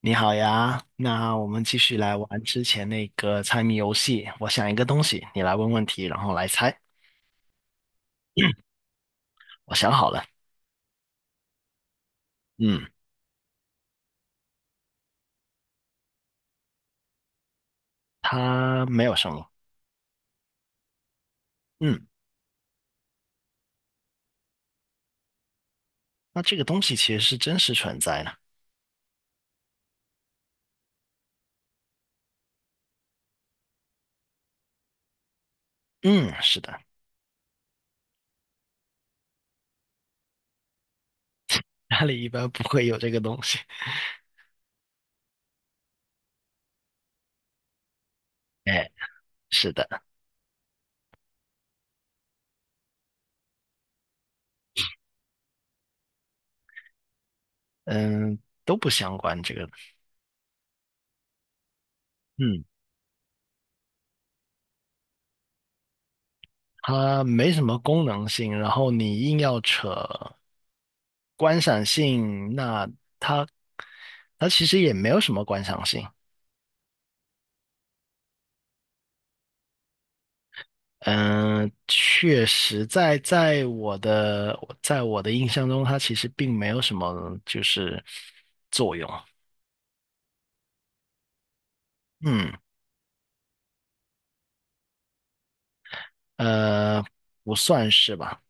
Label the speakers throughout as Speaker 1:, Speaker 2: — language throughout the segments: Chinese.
Speaker 1: 你好呀，那我们继续来玩之前那个猜谜游戏。我想一个东西，你来问问题，然后来猜。我想好了。嗯，它没有生物。嗯，那这个东西其实是真实存在的。嗯，是的。家里一般不会有这个东西。哎，是的。嗯，都不相关这个。嗯，它没什么功能性，然后你硬要扯观赏性，那它其实也没有什么观赏性。嗯，确实在我的印象中，它其实并没有什么就是作用。嗯。呃，不算是吧？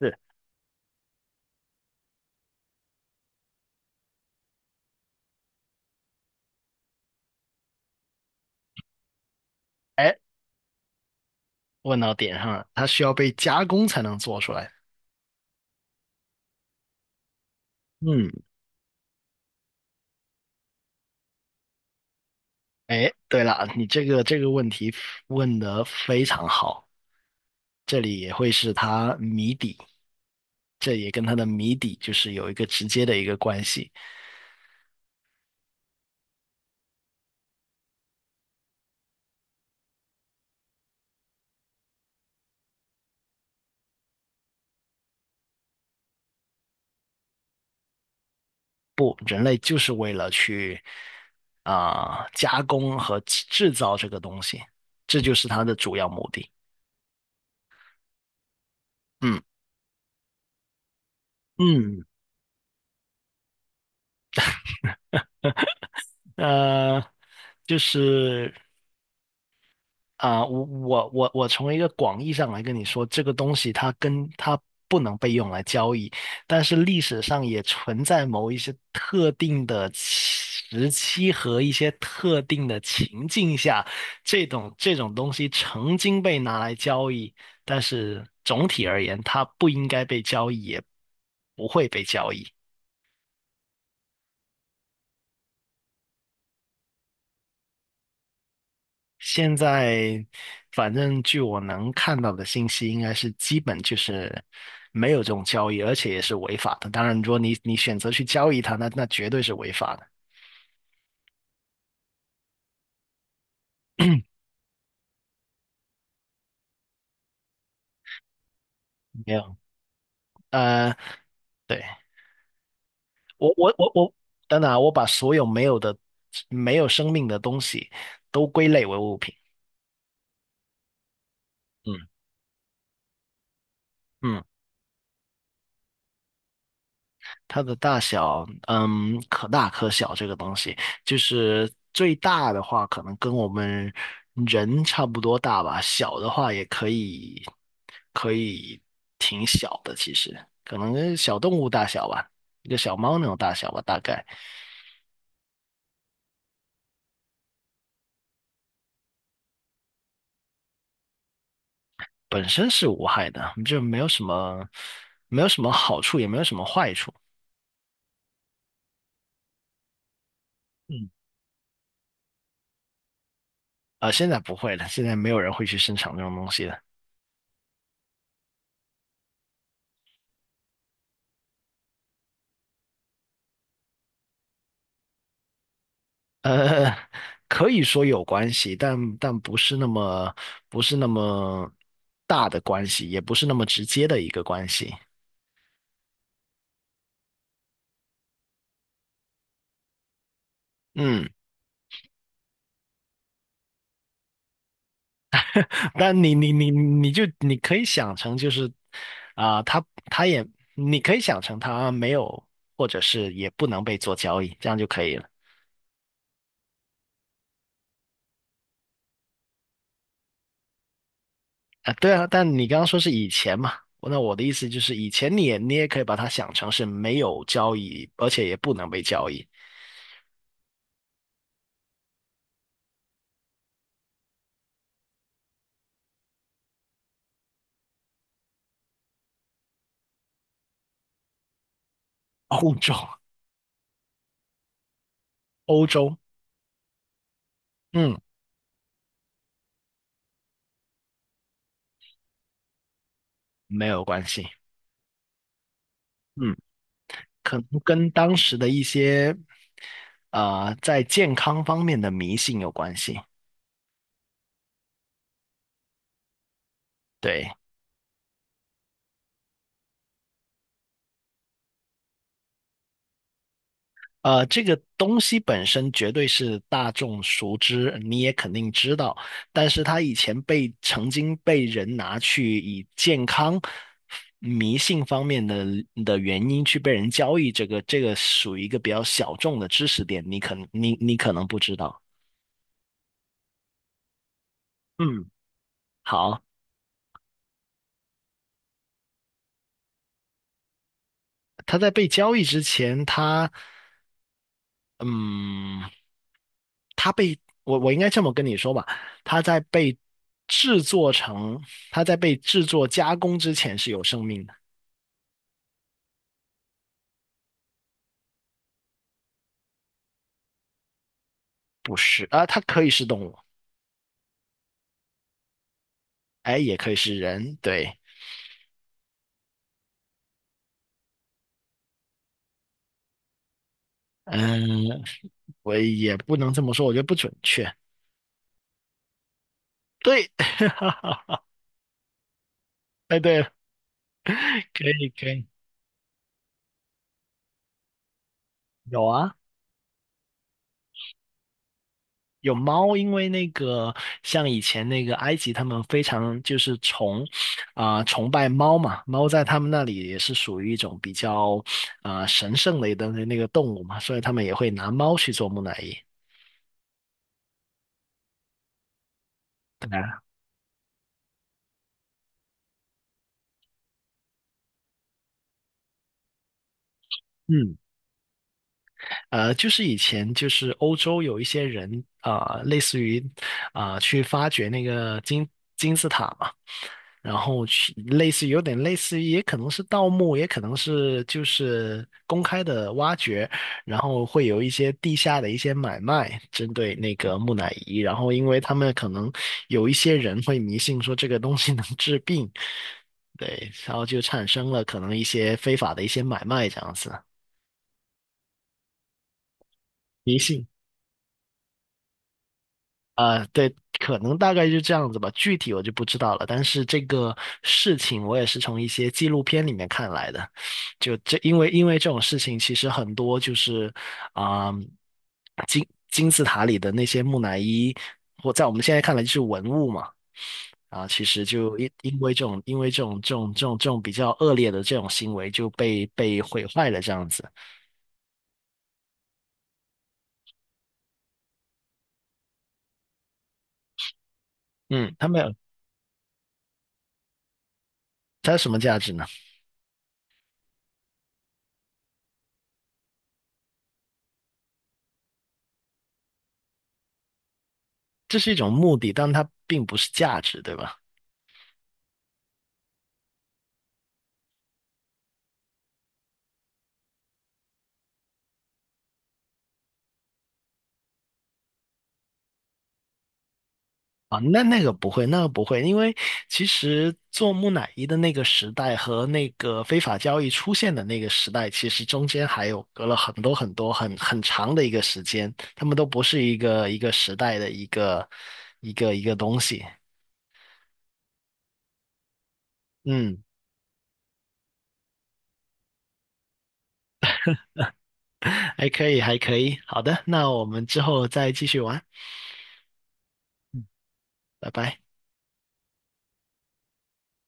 Speaker 1: 是。哎，问到点上了，它需要被加工才能做出来。嗯。哎，对了，你这个问题问得非常好，这里也会是它谜底，这也跟它的谜底就是有一个直接的一个关系。不，人类就是为了去加工和制造这个东西，这就是它的主要目的。嗯。嗯，呃，就是。我从一个广义上来跟你说，这个东西它跟它不能被用来交易，但是历史上也存在某一些特定的时期和一些特定的情境下，这种东西曾经被拿来交易，但是总体而言，它不应该被交易，也不会被交易。现在反正据我能看到的信息，应该是基本就是没有这种交易，而且也是违法的。当然，如果你选择去交易它，那绝对是违法的。没有。呃，对。我我我我，等等啊，我把所有没有生命的东西都归类为物品。嗯。嗯，它的大小，嗯，可大可小。这个东西就是最大的话，可能跟我们人差不多大吧。小的话也可以，可以挺小的。其实可能跟小动物大小吧，一个小猫那种大小吧，大概本身是无害的，就没有什么，没有什么好处，也没有什么坏处。嗯。现在不会了，现在没有人会去生产这种东西了。呃，可以说有关系，但但不是那么不是那么大的关系，也不是那么直接的一个关系。嗯，但你就你可以想成就是，他也你可以想成他没有，或者是也不能被做交易，这样就可以了。啊，对啊，但你刚刚说是以前嘛，那我的意思就是以前你也可以把它想成是没有交易，而且也不能被交易。欧洲。欧洲。嗯。没有关系。嗯，可能跟当时的一些在健康方面的迷信有关系。对。这个东西本身绝对是大众熟知，你也肯定知道，但是它以前曾经被人拿去以健康迷信方面的的原因去被人交易，这个属于一个比较小众的知识点，你可能不知道。嗯，好。他在被交易之前，他。嗯，我我应该这么跟你说吧，它在被制作成，它在被制作加工之前是有生命的。不是啊，它可以是动物。哎，也可以是人，对。嗯，我也不能这么说，我觉得不准确。对。哎，对，可以可以。有啊，有猫，因为那个像以前那个埃及，他们非常就是崇拜猫嘛，猫在他们那里也是属于一种比较神圣的一个那个动物嘛，所以他们也会拿猫去做木乃伊。对啊。嗯。就是以前就是欧洲有一些人类似于去发掘那个金字塔嘛，然后去类似于有点类似于，也可能是盗墓，也可能是就是公开的挖掘，然后会有一些地下的一些买卖，针对那个木乃伊，然后因为他们可能有一些人会迷信说这个东西能治病。对，然后就产生了可能一些非法的一些买卖这样子。迷信。对，可能大概就这样子吧，具体我就不知道了。但是这个事情我也是从一些纪录片里面看来的，就这，因为这种事情其实很多就是，啊、金字塔里的那些木乃伊，或在我们现在看来就是文物嘛。啊，其实就因为这种比较恶劣的这种行为就被毁坏了这样子。嗯，它没有。它有什么价值呢？这是一种目的，但它并不是价值，对吧？啊，那那个不会，那个不会，因为其实做木乃伊的那个时代和那个非法交易出现的那个时代，其实中间还有隔了很多很多很长的一个时间，他们都不是一个时代的一个东西。嗯，还可以，还可以。好的，那我们之后再继续玩。拜拜。